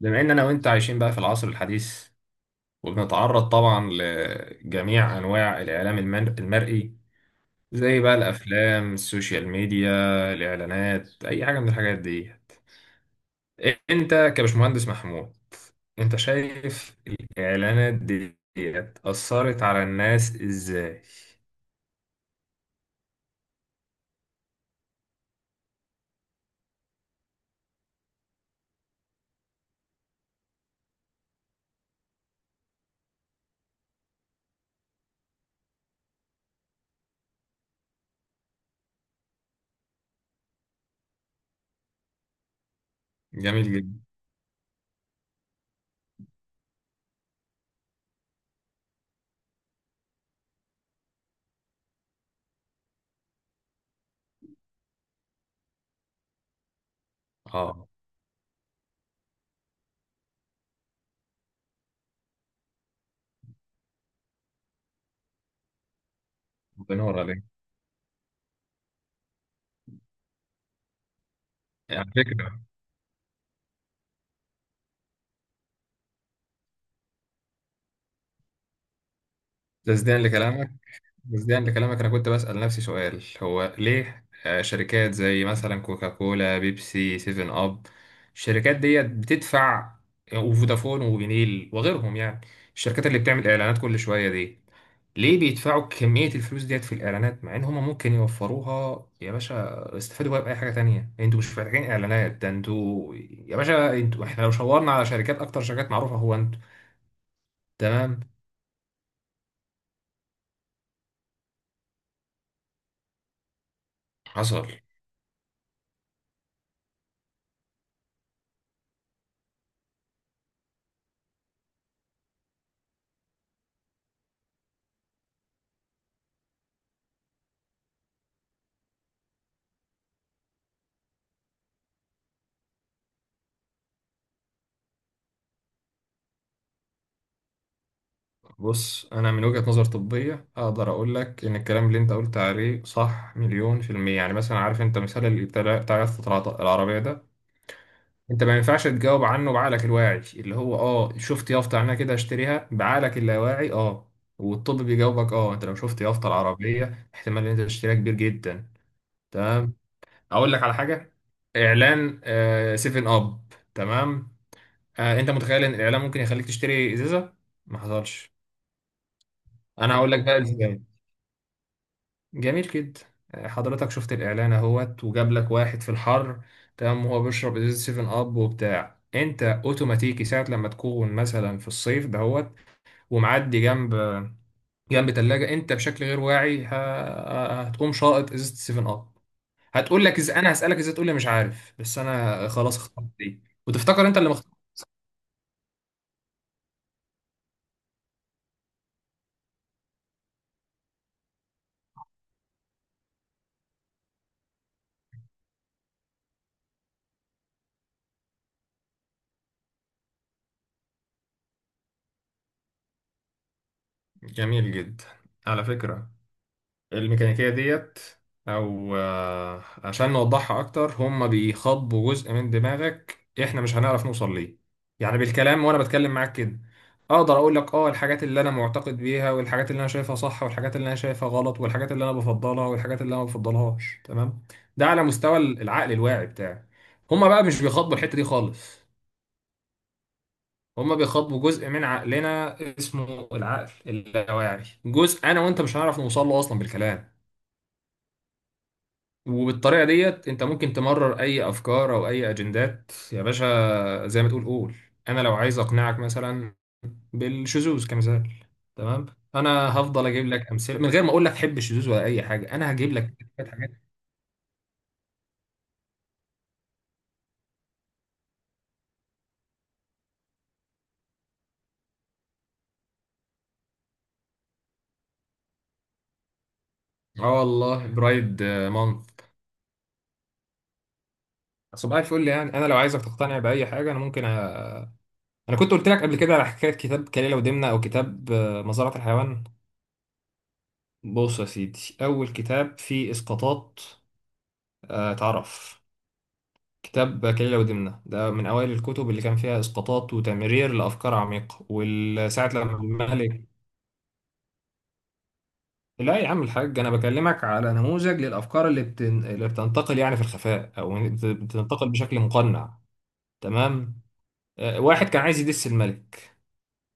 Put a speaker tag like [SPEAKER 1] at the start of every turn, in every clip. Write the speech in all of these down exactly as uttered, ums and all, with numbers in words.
[SPEAKER 1] بما ان انا وانت عايشين بقى في العصر الحديث وبنتعرض طبعا لجميع انواع الاعلام المر- المرئي، زي بقى الافلام السوشيال ميديا الاعلانات اي حاجه من الحاجات دي. انت كبشمهندس محمود، انت شايف الاعلانات دي اثرت على الناس ازاي؟ جميل جدا. اه، بنور عليك. على فكره، تصديقا لكلامك مجديا لكلامك، انا كنت بسأل نفسي سؤال هو ليه آه، شركات زي مثلا كوكاكولا بيبسي سيفن اب الشركات ديت بتدفع، وفودافون وبنيل وغيرهم يعني الشركات اللي بتعمل اعلانات كل شوية دي، ليه بيدفعوا كمية الفلوس ديت في الإعلانات مع إن هما ممكن يوفروها؟ يا باشا استفادوا بقى بأي حاجة تانية، أنتوا مش محتاجين إعلانات، ده أنتوا يا باشا أنتوا، إحنا لو شاورنا على شركات أكتر شركات معروفة هو أنتوا. تمام. حصل. بص انا من وجهة نظر طبية اقدر اقول لك ان الكلام اللي انت قلت عليه صح مليون في المية. يعني مثلا عارف انت مثال اللي بتاع بتاع يافطة الع- العربية ده، انت ما ينفعش تجاوب عنه بعقلك الواعي اللي هو اه شفت يافطة عنها كده اشتريها، بعقلك اللاواعي اه. والطب بيجاوبك اه انت لو شفت يافطة العربية احتمال ان انت تشتريها كبير جدا. تمام. اقول لك على حاجة، اعلان آه سيفن اب. تمام. آه انت متخيل ان الاعلان ممكن يخليك تشتري ازازة؟ ما حصلش. انا هقول لك بقى ازاي. جميل جدا. آه، حضرتك شفت الاعلان اهوت وجاب لك واحد في الحر، تمام، وهو بيشرب ازازه سفن اب وبتاع انت اوتوماتيكي ساعه لما تكون مثلا في الصيف دهوت ومعدي جنب جنب تلاجة انت بشكل غير واعي ه- هتقوم شاطط ازازه سفن اب. هتقول لك إز... انا هسالك ازاي، تقول لي مش عارف، بس انا خلاص اخترت دي وتفتكر انت اللي مختار. جميل جدا. على فكره، الميكانيكية ديت أو آه، عشان نوضحها أكتر، هما بيخاطبوا جزء من دماغك إحنا مش هنعرف نوصل ليه. يعني بالكلام وأنا بتكلم معاك كده، أقدر أقول لك أه الحاجات اللي أنا معتقد بيها والحاجات اللي أنا شايفها صح والحاجات اللي أنا شايفها غلط والحاجات اللي أنا بفضلها والحاجات اللي أنا ما بفضلهاش. تمام. ده على مستوى العقل الواعي بتاعي. هما بقى مش بيخاطبوا الحتة دي خالص. هما بيخاطبوا جزء من عقلنا اسمه العقل اللاواعي، جزء أنا وأنت مش هنعرف نوصل له أصلا بالكلام. وبالطريقة ديت انت ممكن تمرر اي افكار او اي اجندات يا باشا زي ما تقول قول. انا لو عايز اقنعك مثلا بالشذوذ كمثال، تمام، انا هفضل اجيب لك امثله من غير ما اقول لك حب الشذوذ ولا اي حاجه، انا هجيب لك شويه حاجات. اه والله برايد مانث. صباح الفل. يعني انا لو عايزك تقتنع باي حاجه انا ممكن أ... انا كنت قلت لك قبل كده على حكايه كتاب كليله ودمنه او كتاب آه، مزرعه الحيوان. بص يا سيدي، اول كتاب فيه اسقاطات. آه، اتعرف كتاب كليلة ودمنة ده من أوائل الكتب اللي كان فيها إسقاطات وتمرير لأفكار عميقة، وساعة لما الملك. لا يا عم الحاج، أنا بكلمك على نموذج للأفكار اللي، بتن... اللي بتنتقل يعني في الخفاء أو بت- بتنتقل بشكل مقنع. تمام. آه، واحد كان عايز يدس الملك،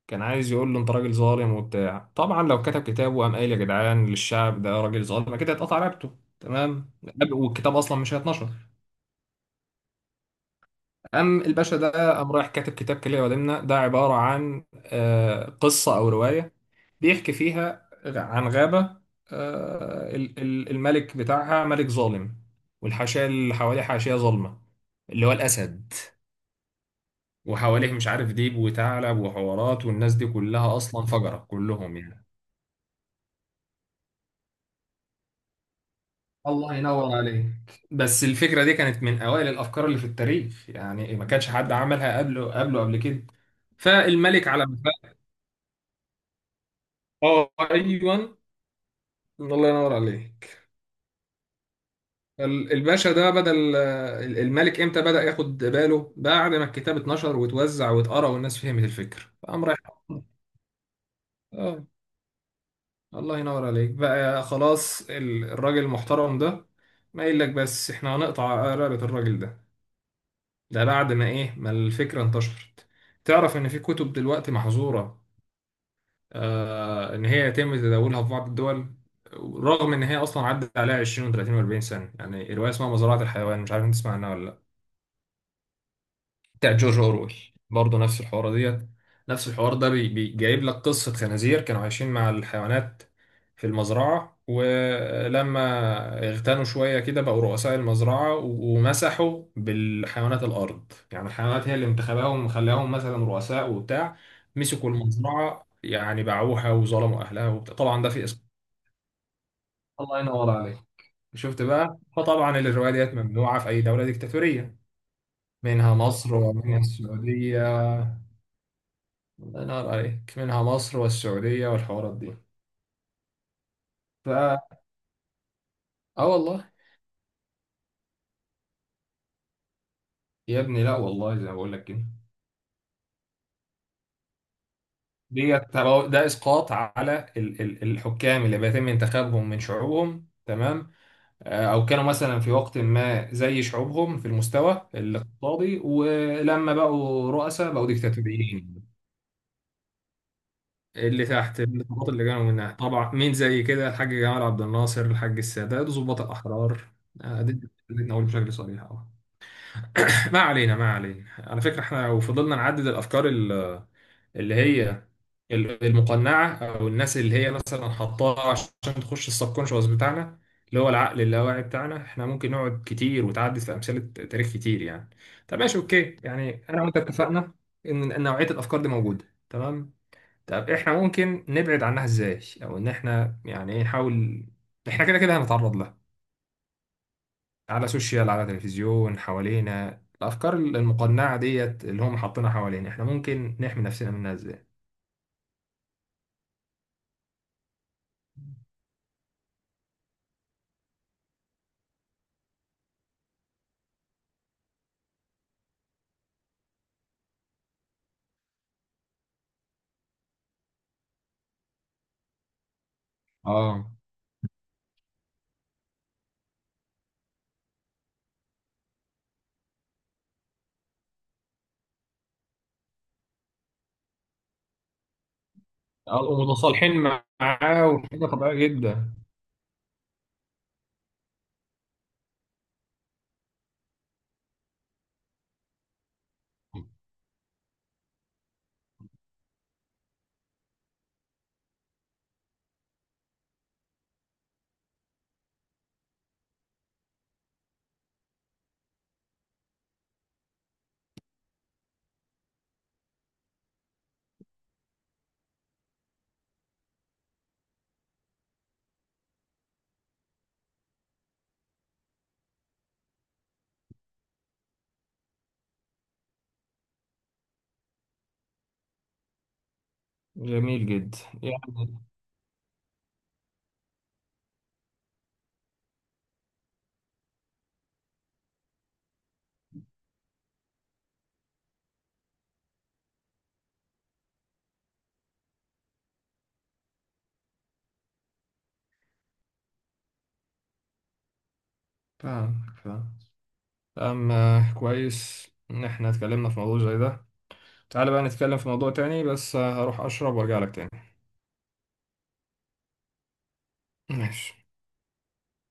[SPEAKER 1] كان عايز يقول له أنت راجل ظالم وبتاع. طبعا لو كتب كتاب وقام قايل يا جدعان للشعب ده راجل ظالم كده، اتقطع رقبته. تمام. والكتاب أصلا مش هيتنشر. قام الباشا ده قام رايح كاتب كتاب كلية ودمنة ده عبارة عن آه، قصة أو رواية، بيحكي فيها عن غابة. آه، ال- ال- الملك بتاعها ملك ظالم، والحاشية اللي حواليه حاشية ظالمة اللي هو الأسد، وحواليه مش عارف ديب وثعلب وحوارات، والناس دي كلها أصلا فجرة كلهم يعني. الله ينور عليك. بس الفكرة دي كانت من أوائل الأفكار اللي في التاريخ يعني، ما كانش حد عملها قبله قبله قبل كده. فالملك على ما. اه ايوه. الله ينور عليك. ال- الباشا ده بدل ال- الملك امتى بدأ ياخد باله؟ بعد ما الكتاب اتنشر واتوزع واتقرا والناس فهمت الفكرة، فقام رايح. اه. الله ينور عليك بقى. خلاص ال- الراجل المحترم ده، ما يقول لك بس احنا هنقطع رقبة الراجل ده؟ ده بعد ما ايه ما الفكرة انتشرت. تعرف ان في كتب دلوقتي محظورة آه ان هي يتم تداولها في بعض الدول، رغم ان هي اصلا عدت عليها عشرين و30 و40 سنة. يعني رواية اسمها مزرعة الحيوان، مش عارف انت تسمع عنها ولا، بتاع جورج اورويل. برضه نفس الحوار ديت. نفس الحوار ده بي- بي- جايب لك قصة خنازير كانوا عايشين مع الحيوانات في المزرعة، ولما اغتنوا شوية كده بقوا رؤساء المزرعة و- ومسحوا بالحيوانات الأرض. يعني الحيوانات هي اللي انتخباهم وخلاهم مثلا رؤساء وبتاع، مسكوا المزرعة يعني باعوها وظلموا أهلها وبتاع. طبعا ده في اسم. الله ينور عليك. شفت بقى. فطبعا الرواية ديت ممنوعة في أي دولة ديكتاتورية، منها مصر ومنها السعودية. الله ينور عليك، منها مصر والسعودية والحوارات دي. ف... اه والله. يا ابني لا والله زي ما بقول لك كده. ديت تبو- ده اسقاط على ال- ال- الحكام اللي بيتم انتخابهم من شعوبهم. تمام. آه، او كانوا مثلا في وقت ما زي شعوبهم في المستوى الاقتصادي ولما بقوا رؤساء بقوا ديكتاتوريين. اللي تحت الضباط اللي كانوا منها، طبعا مين زي كده؟ الحاج جمال عبد الناصر الحاج السادات ضباط الاحرار. آه، دي دي- دي نقول بشكل صريح اه. ما علينا ما علينا. على فكرة احنا لو فضلنا نعدد الأفكار ال- اللي هي ال- المقنعة أو الناس اللي هي مثلا حطاها عشان تخش السبكونشوس بتاعنا اللي هو العقل اللاواعي بتاعنا، احنا ممكن نقعد كتير وتعدد في أمثلة تاريخ كتير يعني. طب ماشي أوكي، يعني أنا وأنت اتفقنا إن إن نوعية الأفكار دي موجودة. تمام. طب احنا ممكن نبعد عنها إزاي أو إن احنا يعني إيه نحاول. احنا كده كده هنتعرض لها، على سوشيال على تلفزيون حوالينا الافكار المقنعه ديت اللي هم حاطينها حوالينا، احنا ممكن نحمي نفسنا منها ازاي؟ اه. آه، ومتصالحين معاه وحاجه طبيعيه جدا. جميل جدا يعني. فاهم فاهم. أما كويس إن إحنا اتكلمنا في موضوع زي ده، تعالى بقى نتكلم في موضوع تاني، بس هروح أشرب وأرجع لك تاني. ماشي.